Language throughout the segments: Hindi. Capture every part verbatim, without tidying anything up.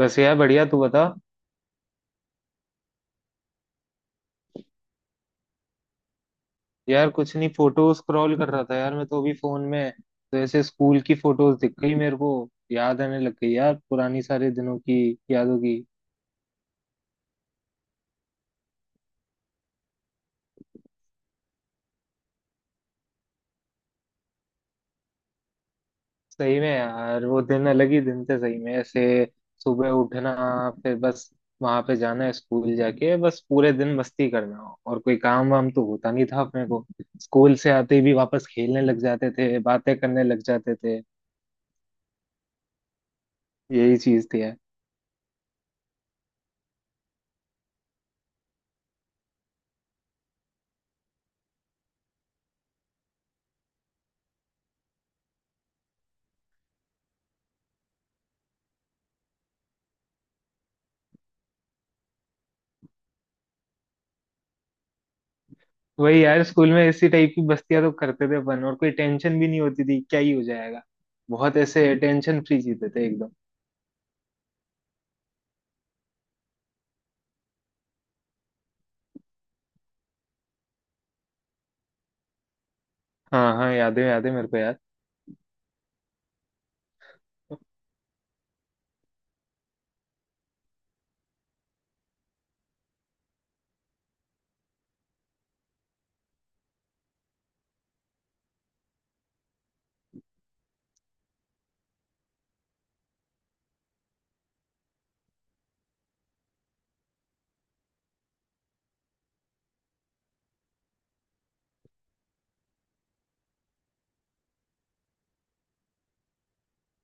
बस यार बढ़िया। तू बता। यार कुछ नहीं, फोटो स्क्रॉल कर रहा था यार, मैं तो अभी फोन में। तो ऐसे स्कूल की फोटोज दिख गई मेरे को। याद आने लग गई यार पुरानी सारे दिनों की, यादों की। सही में यार वो दिन अलग ही दिन थे। सही में ऐसे सुबह उठना, फिर बस वहां पे जाना, स्कूल जाके बस पूरे दिन मस्ती करना, और कोई काम वाम तो होता नहीं था अपने को। स्कूल से आते ही भी वापस खेलने लग जाते थे, बातें करने लग जाते थे। यही चीज थी। वही यार, स्कूल में इसी टाइप की बस्तियां तो करते थे अपन, और कोई टेंशन भी नहीं होती थी क्या ही हो जाएगा। बहुत ऐसे टेंशन फ्री जीते थे एकदम। हाँ हाँ, याद है याद है मेरे को यार।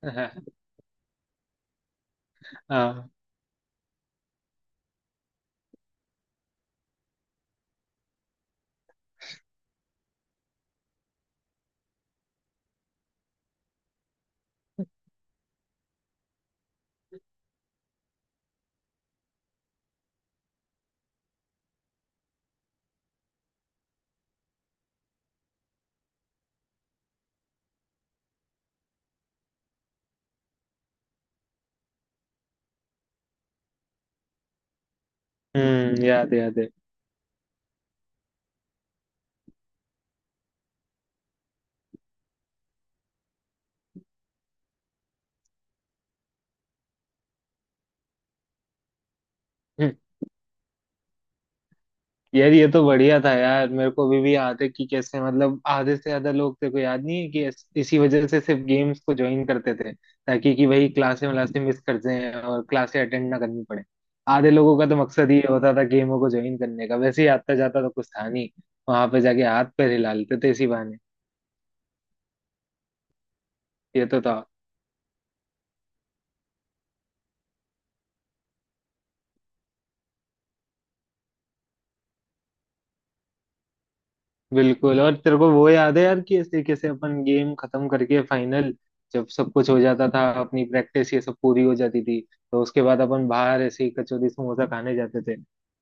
हाँ। हम्म, याद है याद है यार। ये तो बढ़िया था यार, मेरे को अभी भी याद है कि कैसे मतलब आधे से ज्यादा लोग तेरे को याद नहीं है कि इस- इसी वजह से सिर्फ गेम्स को ज्वाइन करते थे ताकि कि वही क्लासें वलासें मिस कर जाएं और क्लासें अटेंड ना करनी पड़े। आधे लोगों का तो मकसद ही होता था गेमों को ज्वाइन करने का, वैसे ही आता जाता तो कुछ था नहीं। वहां पे जाके हाथ पैर हिला लेते थे इसी बहाने। ये तो था। बिल्कुल, और तेरे को वो याद है यार कि इस तरीके से अपन गेम खत्म करके फाइनल, जब सब कुछ हो जाता था अपनी प्रैक्टिस ये सब पूरी हो जाती थी, तो उसके बाद अपन बाहर ऐसे ही कचौरी समोसा खाने जाते थे।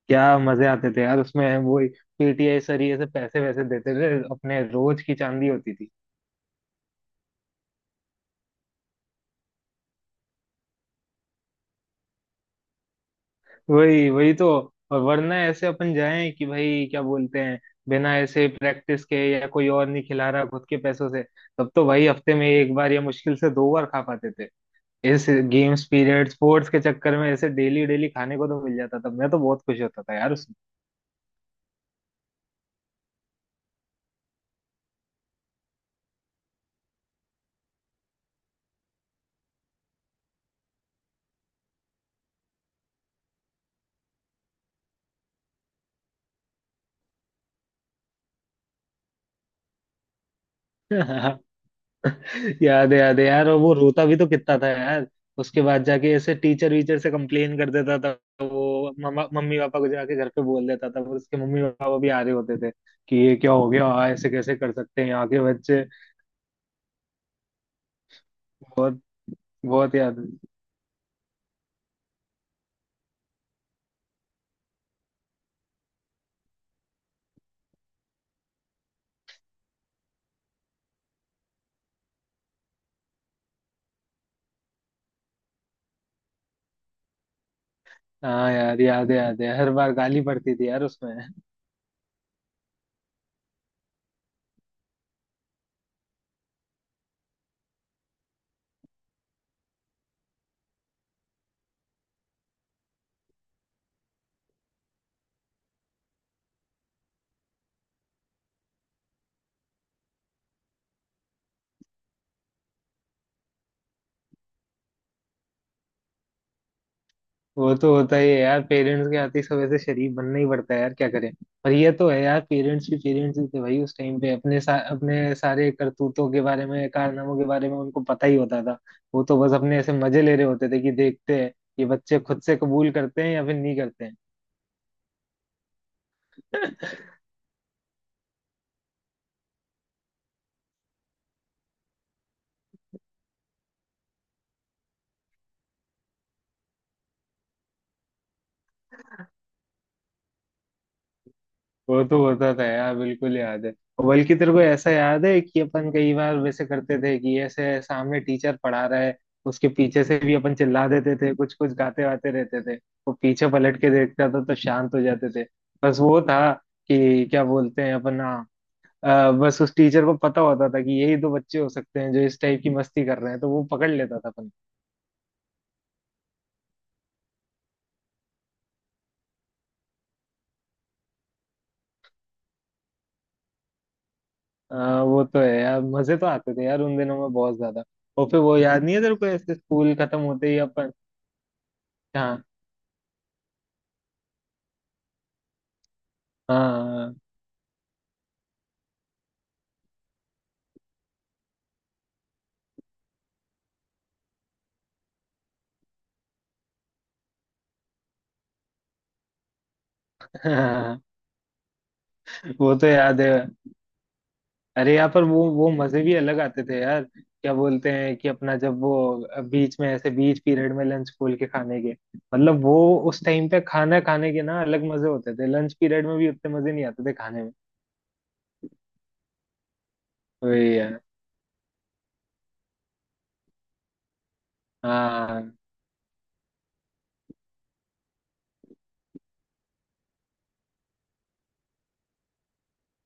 क्या मजे आते थे यार उसमें। वो पीटीआई सर ये सब पैसे वैसे देते थे, अपने रोज की चांदी होती थी। वही वही तो। और वरना ऐसे अपन जाएं कि भाई क्या बोलते हैं, बिना ऐसे प्रैक्टिस के या कोई और नहीं खिला रहा खुद के पैसों से, तब तो भाई हफ्ते में एक बार या मुश्किल से दो बार खा पाते थे। इस गेम्स पीरियड स्पोर्ट्स के चक्कर में ऐसे डेली डेली खाने को तो मिल जाता था, मैं तो बहुत खुश होता था यार उसमें। याद है याद है यार, और वो रोता भी तो कितना था यार। उसके बाद जाके ऐसे टीचर वीचर से कंप्लेन कर देता था। वो मम्मा मम्मी पापा को जाके घर पे बोल देता था, फिर उसके मम्मी पापा भी आ रहे होते थे कि ये क्या हो गया, ऐसे कैसे कर सकते हैं यहाँ के बच्चे। बहुत बहुत याद। हाँ यार, याद है याद है, हर बार गाली पड़ती थी यार उसमें। वो तो होता ही है यार, पेरेंट्स के आते ही सब ऐसे शरीफ बनना ही पड़ता है यार, क्या करें। पर ये तो है यार, पेरेंट्स भी पेरेंट्स ही थे भाई उस टाइम पे, अपने सा, अपने सारे करतूतों के बारे में कारनामों के बारे में उनको पता ही होता था। वो तो बस अपने ऐसे मजे ले रहे होते थे कि देखते हैं ये बच्चे खुद से कबूल करते हैं या फिर नहीं करते हैं। वो तो होता था यार, बिल्कुल याद है। और बल्कि तेरे को ऐसा याद है कि अपन कई बार वैसे करते थे कि ऐसे सामने टीचर पढ़ा रहा है, उसके पीछे से भी अपन चिल्ला देते थे, कुछ कुछ गाते वाते रहते थे। वो पीछे पलट के देखता था तो शांत हो जाते थे। बस वो था कि क्या बोलते हैं अपन, हाँ। अ, बस उस टीचर को पता होता था कि यही दो बच्चे हो सकते हैं जो इस टाइप की मस्ती कर रहे हैं, तो वो पकड़ लेता था अपन। अ, वो तो है यार, मजे तो आते थे यार उन दिनों में बहुत ज्यादा। और फिर वो याद नहीं है तेरे को ऐसे स्कूल खत्म होते ही अपन। हाँ, हाँ। हाँ, वो तो याद है। अरे यहाँ पर वो वो मजे भी अलग आते थे यार, क्या बोलते हैं कि अपना जब वो बीच में ऐसे बीच पीरियड में लंच खोल के खाने के मतलब, वो उस टाइम पे खाना खाने के ना अलग मजे होते थे, लंच पीरियड में भी उतने मजे नहीं आते थे खाने में। वही यार। हाँ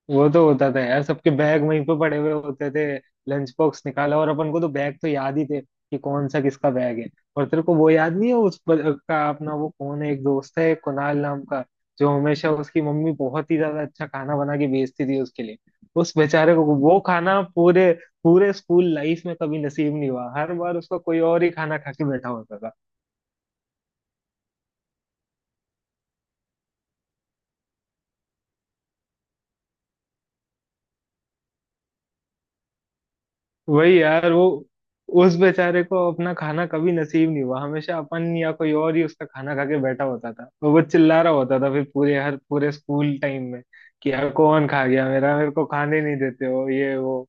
वो तो होता था यार, सबके बैग वहीं पे पड़े हुए होते थे। लंच बॉक्स निकाला, और अपन को तो बैग तो याद ही थे कि कौन सा किसका बैग है। और तेरे को वो याद नहीं है उस ब- का अपना वो कौन है एक दोस्त है कुणाल नाम का, जो हमेशा उसकी मम्मी बहुत ही ज्यादा अच्छा खाना बना के भेजती थी उसके लिए। उस बेचारे को वो खाना पूरे पूरे स्कूल लाइफ में कभी नसीब नहीं हुआ, हर बार उसका कोई और ही खाना खा के बैठा होता था। वही यार वो, उस बेचारे को अपना खाना कभी नसीब नहीं हुआ, हमेशा अपन या कोई और ही उसका खाना खा के बैठा होता था, और वो चिल्ला रहा होता था फिर पूरे हर पूरे स्कूल टाइम में कि यार कौन खा गया मेरा, मेरे को खाने नहीं देते हो ये वो।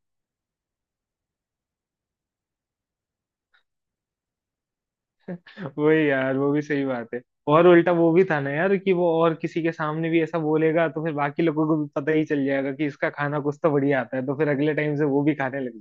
वही यार, वो भी सही बात है। और उल्टा वो भी था ना यार कि वो और किसी के सामने भी ऐसा बोलेगा तो फिर बाकी लोगों को भी पता ही चल जाएगा कि इसका खाना कुछ तो बढ़िया आता है, तो फिर अगले टाइम से वो भी खाने लग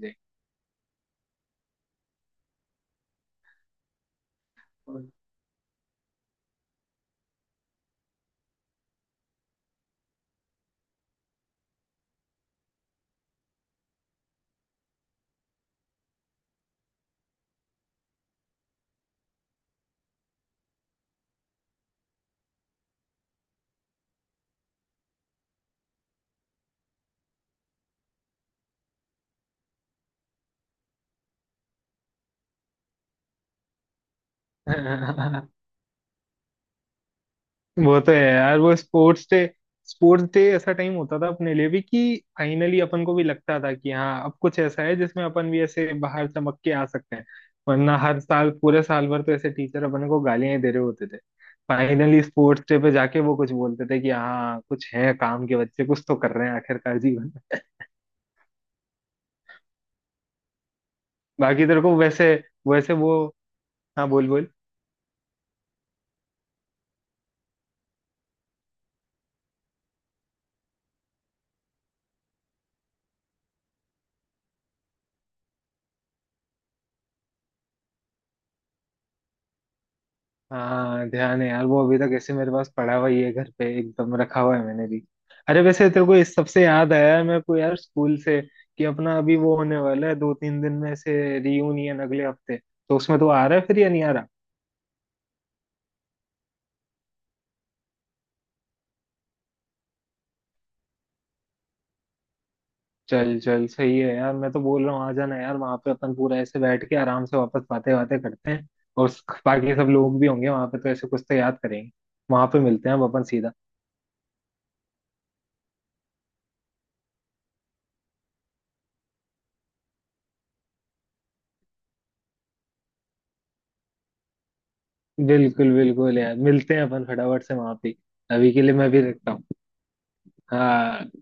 जाए। वो तो है यार, वो स्पोर्ट्स डे, स्पोर्ट्स डे ऐसा टाइम होता था अपने लिए भी कि फाइनली अपन को भी लगता था कि हाँ अब कुछ ऐसा है जिसमें अपन भी ऐसे बाहर चमक के आ सकते हैं। वरना हर साल पूरे साल भर तो ऐसे टीचर अपन को गालियां ही दे रहे होते थे। फाइनली स्पोर्ट्स डे पे जाके वो कुछ बोलते थे कि हाँ कुछ है काम के बच्चे, कुछ तो कर रहे हैं आखिरकार जीवन में। बाकी तेरे को वैसे, वैसे वो, हाँ बोल बोल। हाँ ध्यान है यार, वो अभी तक ऐसे मेरे पास पड़ा हुआ ही है घर पे, एकदम रखा हुआ है मैंने भी। अरे वैसे तेरे को इस सबसे याद आया है मेरे को यार स्कूल से, कि अपना अभी वो होने वाला है दो तीन दिन में से रियूनियन अगले हफ्ते। तो उसमें तो आ रहा है फिर या नहीं आ रहा। चल चल सही है यार, मैं तो बोल रहा हूँ आ जाना यार वहां पे, अपन पूरा ऐसे बैठ के आराम से वापस बातें बातें करते हैं। और उस- बाकी सब लोग भी होंगे वहां पे तो ऐसे कुछ तो याद करेंगे। वहां पे मिलते हैं अब अपन सीधा। बिल्कुल बिल्कुल यार, मिलते हैं अपन फटाफट से वहां पे। अभी के लिए मैं भी रखता हूँ। हाँ।